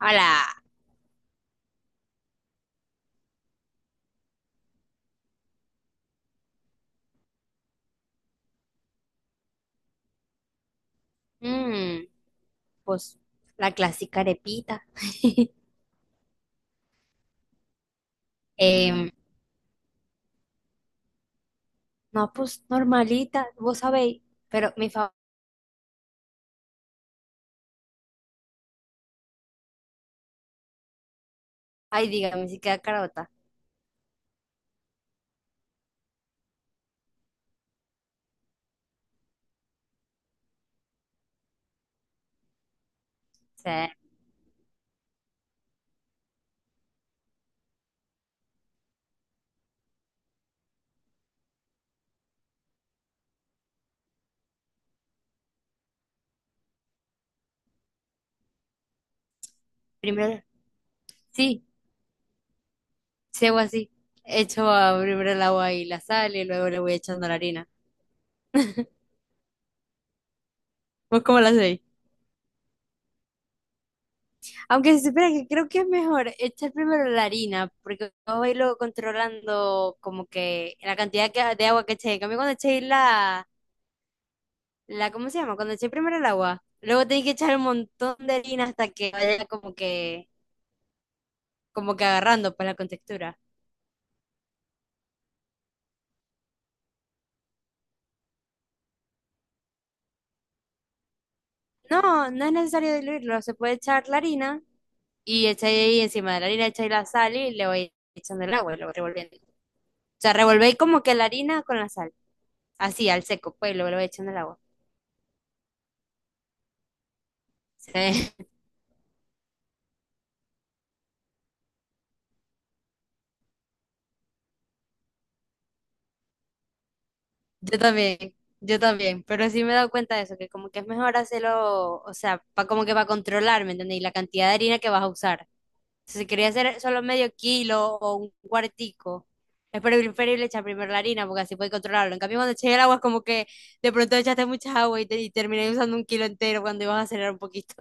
Hola. Mm, pues la clásica arepita. Em, no, pues normalita, vos sabéis. Pero mi fa... Ay, dígame si queda carota. O sea, primero, sí, si hago así. Primero el agua y la sal y luego le voy echando la harina. ¿Vos cómo la hacéis? Aunque se supone que creo que es mejor echar primero la harina, porque vos vais luego controlando como que de agua que echéis. En cambio, cuando echéis la, ¿cómo se llama? Cuando eché primero el agua. Luego tenés que echar un montón de harina hasta que vaya como que agarrando pues la contextura. No, no es necesario diluirlo, se puede echar la harina y echáis ahí encima de la harina, echáis la sal y le vais echando el agua y lo vais revolviendo. O sea, revolvéis como que la harina con la sal, así al seco, pues y luego le vais echando el agua. Sí. Yo también, yo también, pero sí me he dado cuenta de eso, que como que es mejor hacerlo, o sea, pa, como que para controlar, ¿me entendéis? La cantidad de harina que vas a usar. Si se quería hacer solo medio kilo o un cuartico, es preferible echar primero la harina porque así puede controlarlo. En cambio, cuando eché el agua es como que de pronto echaste mucha agua y, te, y terminé usando un kilo entero cuando ibas a acelerar un poquito.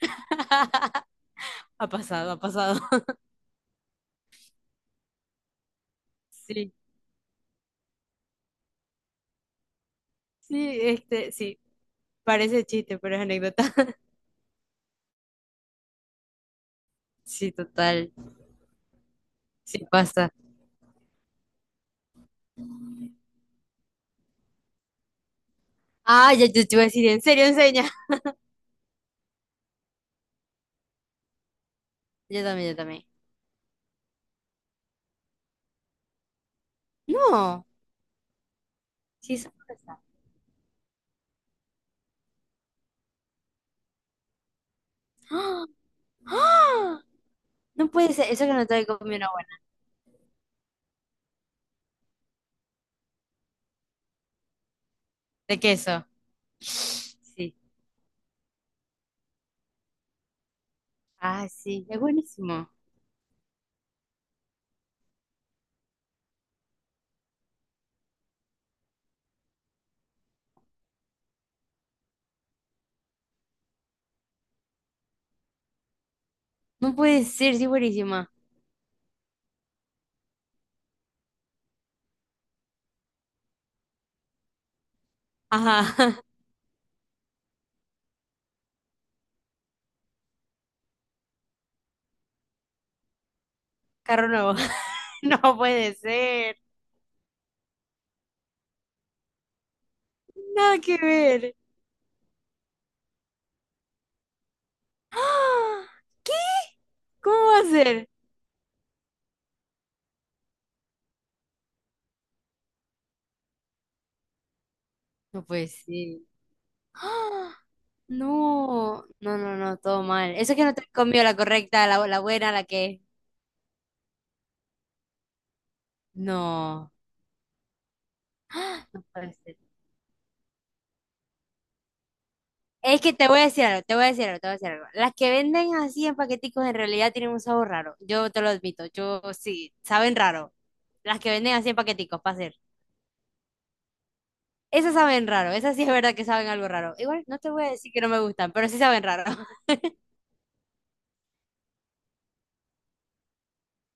Ha pasado, ha pasado. Sí, sí, este, sí, parece chiste, pero es anécdota. Sí, total, sí pasa. Ah, ya yo te iba a decir, ¿en serio enseña? Yo también. No, sí, sorpresa. ¡Ah! ¡Ah! No puede ser, eso que no te había comido una buena. De queso, sí. Ah, sí, es buenísimo. No puede ser, sí, es buenísima. Ajá. Carro nuevo. No puede ser. Nada que ver. ¡Ah! ¿Qué? ¿Cómo va a ser? No puede ser. ¡Ah! No, no, no, no, todo mal. Eso es que no te has comido la correcta, la buena, la que... No, no puede ser. Es que te voy a decir algo, te voy a decir algo, te voy a decir algo. Las que venden así en paqueticos en realidad tienen un sabor raro. Yo te lo admito, yo sí, saben raro. Las que venden así en paqueticos, para hacer. Esas saben raro, esas sí es verdad que saben algo raro. Igual no te voy a decir que no me gustan, pero sí saben raro.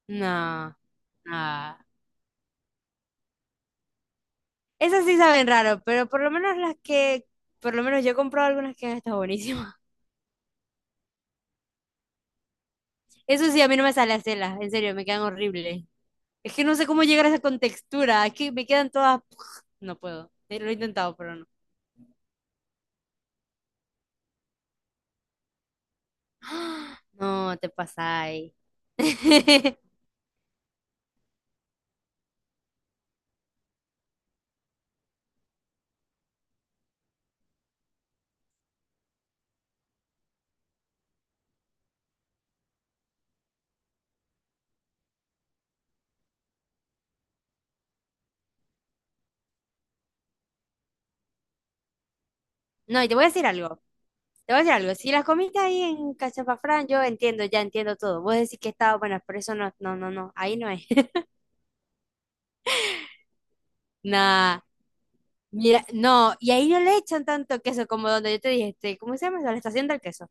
No, no. Esas sí saben raro, pero por lo menos por lo menos yo he comprado algunas que han estado buenísimas. Eso sí, a mí no me sale hacerlas, en serio, me quedan horribles. Es que no sé cómo llegar a esa contextura, es que me quedan todas, no puedo. Lo he intentado, pero no. No, te pasáis. No, y te voy a decir algo. Te voy a decir algo, si las comiste ahí en Cachapafrán, yo entiendo, ya entiendo todo. Vos decís que estaba buena, pero eso no, no, no, no, ahí no es. Nah, mira, no, y ahí no le echan tanto queso como donde yo te dije, este, ¿cómo se llama eso? La estación del queso.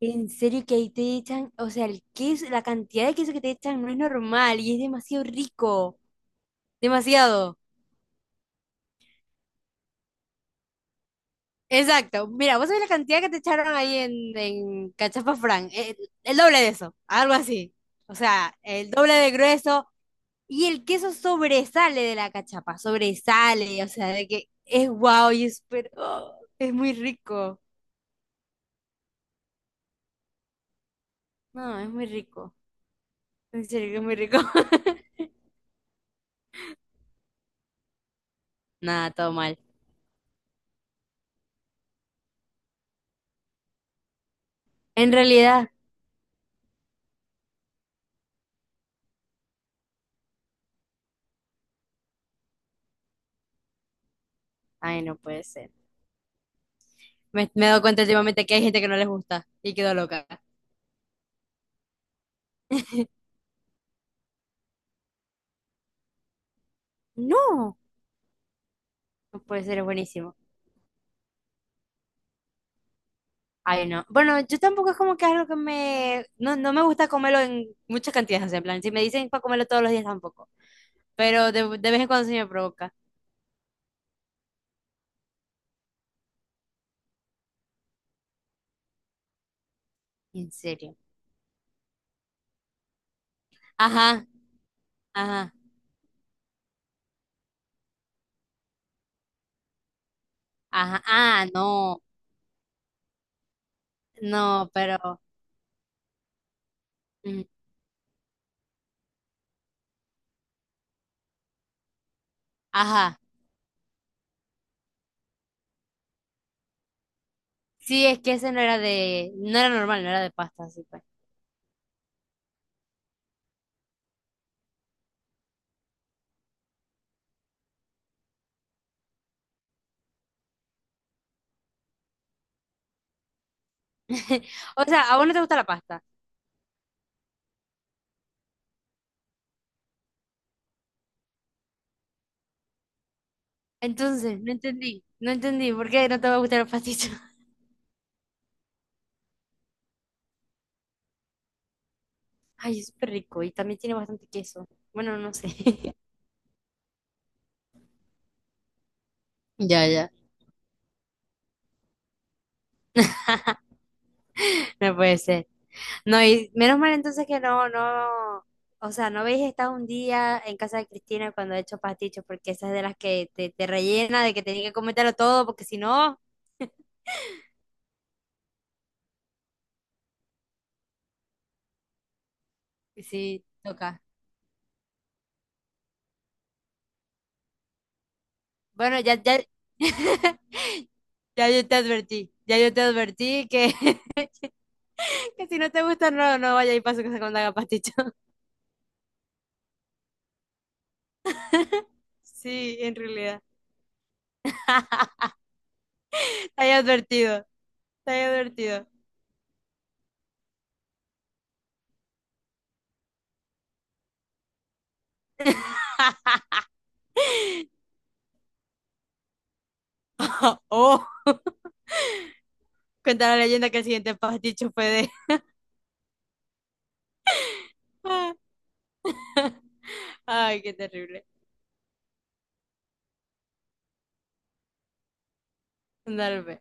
En serio que ahí te echan, o sea, el queso, la cantidad de queso que te echan no es normal y es demasiado rico, demasiado. Exacto, mira, vos sabés la cantidad que te echaron ahí en Cachapafrán, el doble de eso, algo así. O sea, el doble de grueso. Y el queso sobresale de la cachapa, sobresale, o sea, de que es guau y es, pero, oh, es muy rico. No, es muy rico. En serio que es muy rico. Nada, todo mal. En realidad, ay, no puede ser. Me he dado cuenta últimamente que hay gente que no les gusta y quedo loca. No, no puede ser, es buenísimo. Ay, no. Bueno, yo tampoco es como que algo que me... No, no me gusta comerlo en muchas cantidades, o sea, en plan, si me dicen para comerlo todos los días tampoco, pero de vez en cuando se me provoca. En serio. Ajá, ajá. Ajá, ah, no, no, pero, mm, ajá, sí, es que ese no era de, no era normal, no era de pasta, así pues. O sea, a vos no te gusta la pasta, entonces, no entendí, ¿por qué no te va a gustar el pastito? Ay, es súper rico y también tiene bastante queso, bueno, no sé. Ya, ya. No puede ser. No, y menos mal entonces que no, no, o sea, no habéis estado un día en casa de Cristina cuando he hecho pastichos, porque esa es de las que te rellena, de que tenía que cometerlo todo, porque si no... Sí, toca. Bueno, ya, ya. Ya yo te advertí. Ya yo te advertí que, que si no te gusta, no, no vaya y pase con la pasticho. Sí, en realidad. Te he advertido. Te he advertido. Oh, cuenta la leyenda que el siguiente pasticho fue de. Ay, qué terrible. Dale. Pues.